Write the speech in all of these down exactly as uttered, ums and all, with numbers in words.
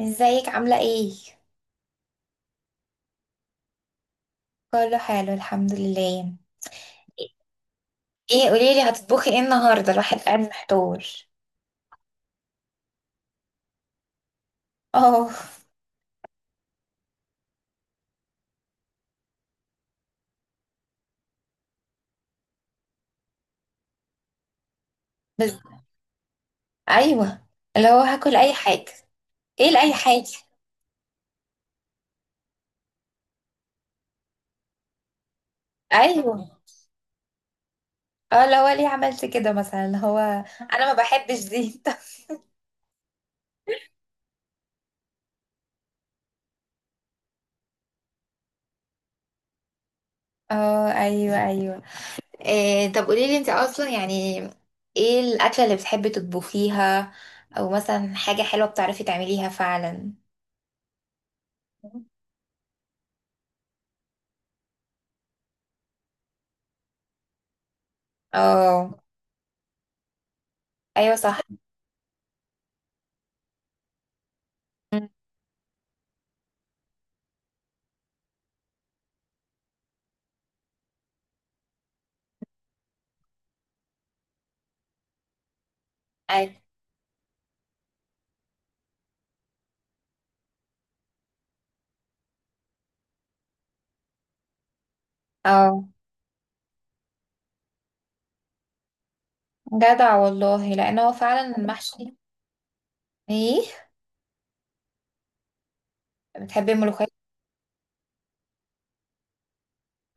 ازيك عاملة ايه؟ كله حلو الحمد لله. ايه، قوليلي هتطبخي ايه النهاردة؟ الواحد قاعد محتار. اه. بس. ايوه. اللي هو هاكل اي حاجة. ايه لأي حاجة؟ ايوه. اه، اللي هو ليه عملت كده مثلا، اللي هو. انا ما بحبش دي. اه، ايوه، ايوه. إيه، طب قوليلي انت اصلا يعني. ايه الأكلة اللي بتحبي تطبخيها؟ او مثلا حاجة حلوة بتعرفي تعمليها فعلا؟ اه، ايوه، صح. أمم. أيوة. اه، جدع والله، لان هو فعلا المحشي. ايه. بتحبي الملوخيه؟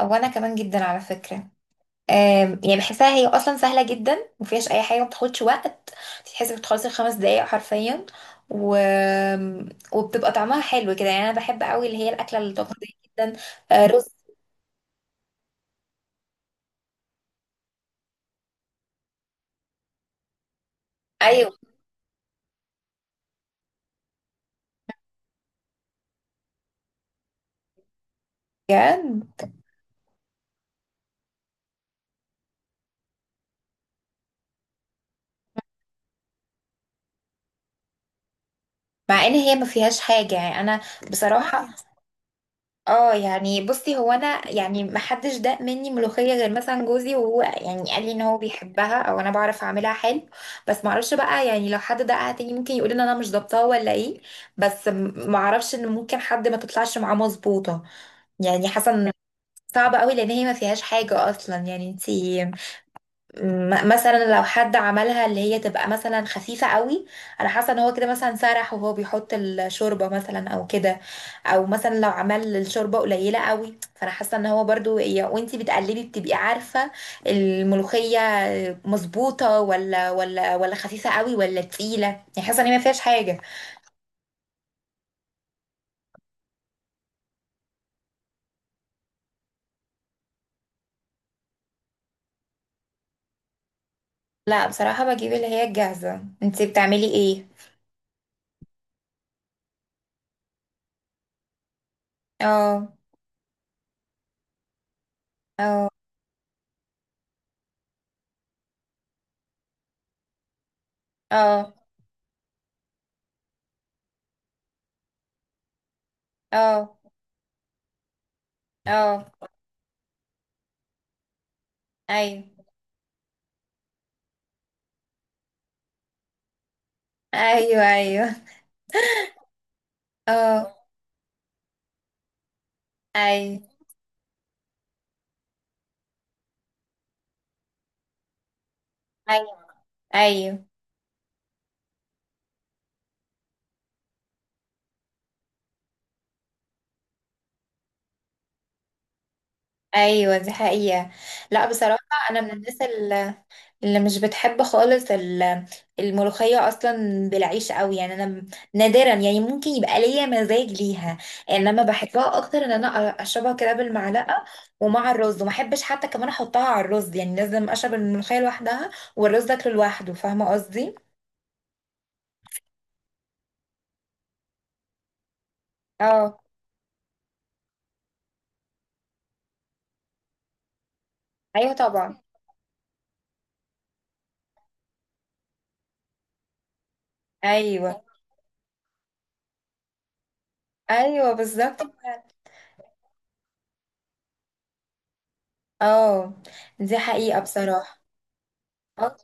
وانا كمان جدا على فكره. آم، يعني بحسها هي اصلا سهله جدا، مفيهاش اي حاجه، ما بتاخدش وقت. بتحسي بتخلصي في خمس دقايق حرفيا. و... وبتبقى طعمها حلو كده، يعني انا بحب قوي اللي هي الاكله التقليديه جدا. آه، رز. ايوه، بجد. مع ان هي ما فيهاش حاجه يعني انا، بصراحه. اه، يعني بصي، هو انا يعني ما حدش داق مني ملوخيه غير مثلا جوزي، وهو يعني قال لي ان هو بيحبها، او انا بعرف اعملها حلو. بس ما اعرفش بقى، يعني لو حد دقها تاني ممكن يقول ان انا مش ضبطها ولا ايه. بس ما اعرفش ان ممكن حد ما تطلعش معاه مظبوطه. يعني حسن. صعبه قوي لان هي ما فيهاش حاجه اصلا، يعني انتي. م- مثلا لو حد عملها اللي هي تبقى مثلا خفيفة قوي، انا حاسة ان هو كده مثلا سرح وهو بيحط الشوربة مثلا او كده. او مثلا لو عمل الشوربة قليلة قوي، فانا حاسة ان هو برضو يا- وانتي بتقلبي بتبقي عارفة الملوخية مظبوطة، ولا ولا ولا خفيفة قوي، ولا تقيلة، يعني حاسة ان هي ما فيهاش حاجة. لا، بصراحة بجيب اللي هي الجاهزة. انتي بتعملي ايه؟ اه، اه، اه، اه، اه، ايوه، ايوه، ايوه، اه، ايوه، ايوه، ايوه، ايوه، دي حقيقة. لا، بصراحة. انا من الناس ال- اللي مش بتحب خالص ال- الملوخية اصلا بالعيش قوي، يعني انا م- نادرا يعني ممكن يبقى ليا مزاج ليها. انما بحبها اكتر ان انا أ- اشربها كده بالمعلقة، ومع الرز، وما احبش حتى كمان احطها على الرز، يعني لازم اشرب الملوخية لوحدها والرز اكله لوحده. فاهمة قصدي؟ اه، ايوه طبعا. ايوه، ايوه بالظبط. اه، دي حقيقة بصراحة. آه.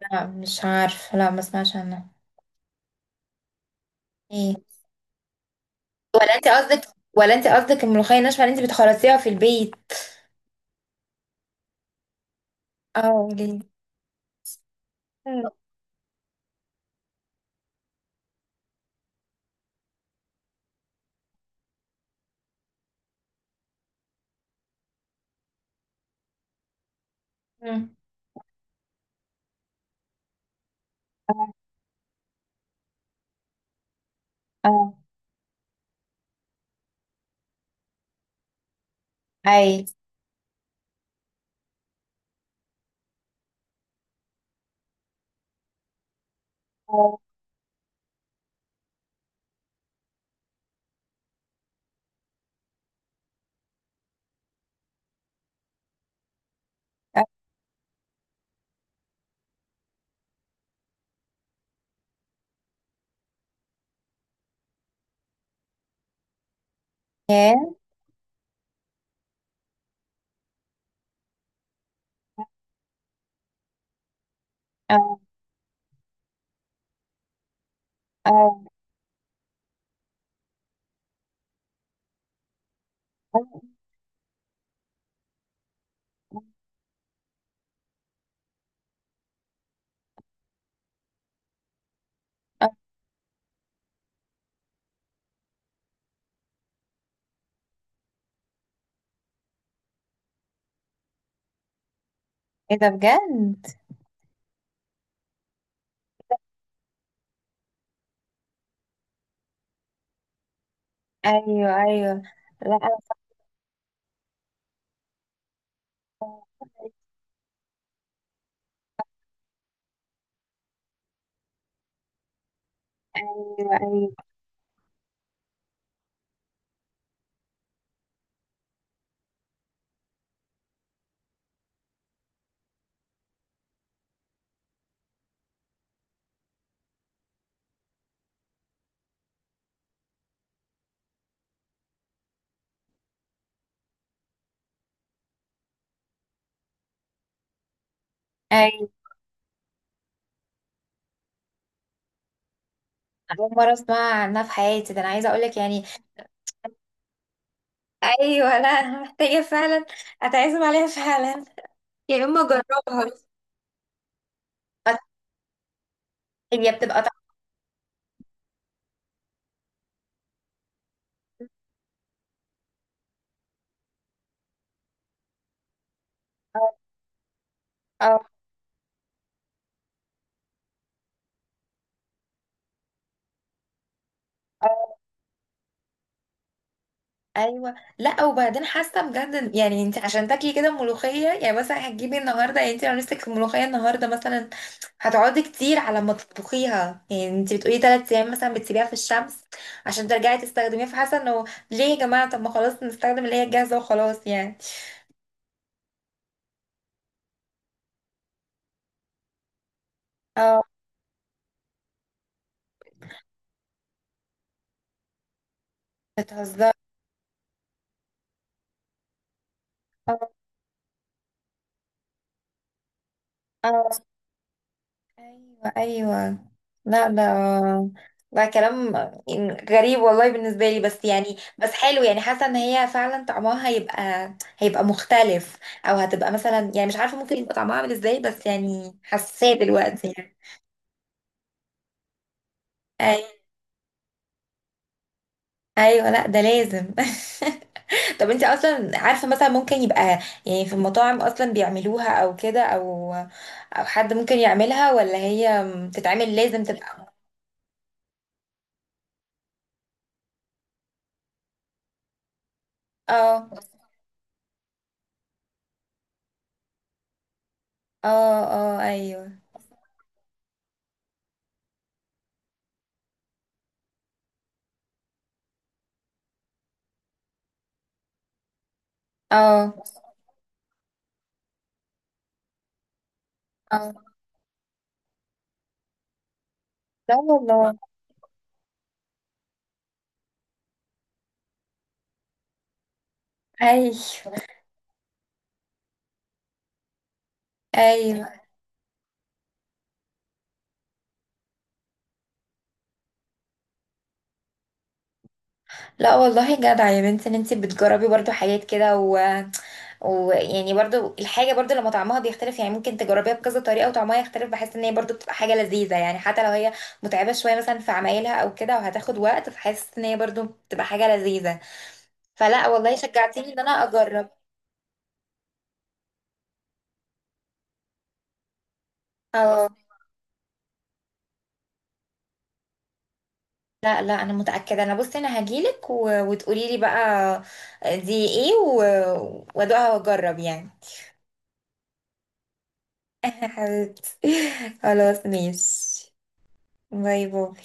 لا، مش عارفه، لا ما اسمعش عنها. ايه؟ ولا انت قصدك ولا انت قصدك الملوخيه الناشفه اللي انت بتخلصيها في البيت؟ اه، قولي. مم. اه، اه، اي، اه، اه. ياه. اه اه، اه. اه. ايه ده بجد؟ ايوه، ايوه، لا انا، ايوه، ايوه، ايوه، اول مره اسمع عنها في حياتي، ده انا عايزه اقول لك يعني. ايوه، لا انا محتاجه فعلا. اتعزم عليها فعلا. يا اما اجربها. هي بتبقى طعمها. اه، اه، ايوه، لا وبعدين حاسه بجد، يعني انت عشان تاكلي كده ملوخيه يعني مثلا هتجيبي النهارده، يعني انت لو نفسك ملوخيه النهارده مثلا، هتقعدي كتير على ما تطبخيها، يعني انت بتقولي ثلاث ايام مثلا بتسيبيها في الشمس عشان ترجعي تستخدميها، فحاسه انه ليه يا جماعه؟ طب ما خلاص نستخدم اللي هي الجاهزه وخلاص يعني. اه، بتهزر. اه، اه، ايوه، ايوه، لا ده، ده كلام غريب والله بالنسبه لي، بس يعني بس حلو، يعني حاسه ان هي فعلا طعمها هيبقى هيبقى مختلف، او هتبقى مثلا يعني مش عارفه، ممكن يبقى طعمها عامل ازاي، بس يعني حساسه دلوقتي يعني. أي- ايوه، لا ده لازم. طب انت اصلا عارفه مثلا ممكن يبقى، يعني في المطاعم اصلا بيعملوها او كده، او او حد ممكن يعملها، ولا هي تتعمل لازم تبقى. اه، اه، اه، ايوه، اه، اه. لا والله. ايوه، ايوه. لا والله جدع يا بنت ان انت بتجربي برضو حاجات كده. و... ويعني برضو الحاجه برضو لما طعمها بيختلف، يعني ممكن تجربيها بكذا طريقه وطعمها يختلف، بحس ان هي برضو بتبقى حاجه لذيذه، يعني حتى لو هي متعبه شويه مثلا في عمايلها او كده وهتاخد وقت، فحس ان هي برضو بتبقى حاجه لذيذه. فلا والله شجعتيني ان انا اجرب. اه. لا، لا انا متاكده، انا بصي انا هجيلك، و... وتقولي لي بقى دي ايه، و... وادوقها واجرب يعني. حبيبتي. خلاص ماشي. باي باي.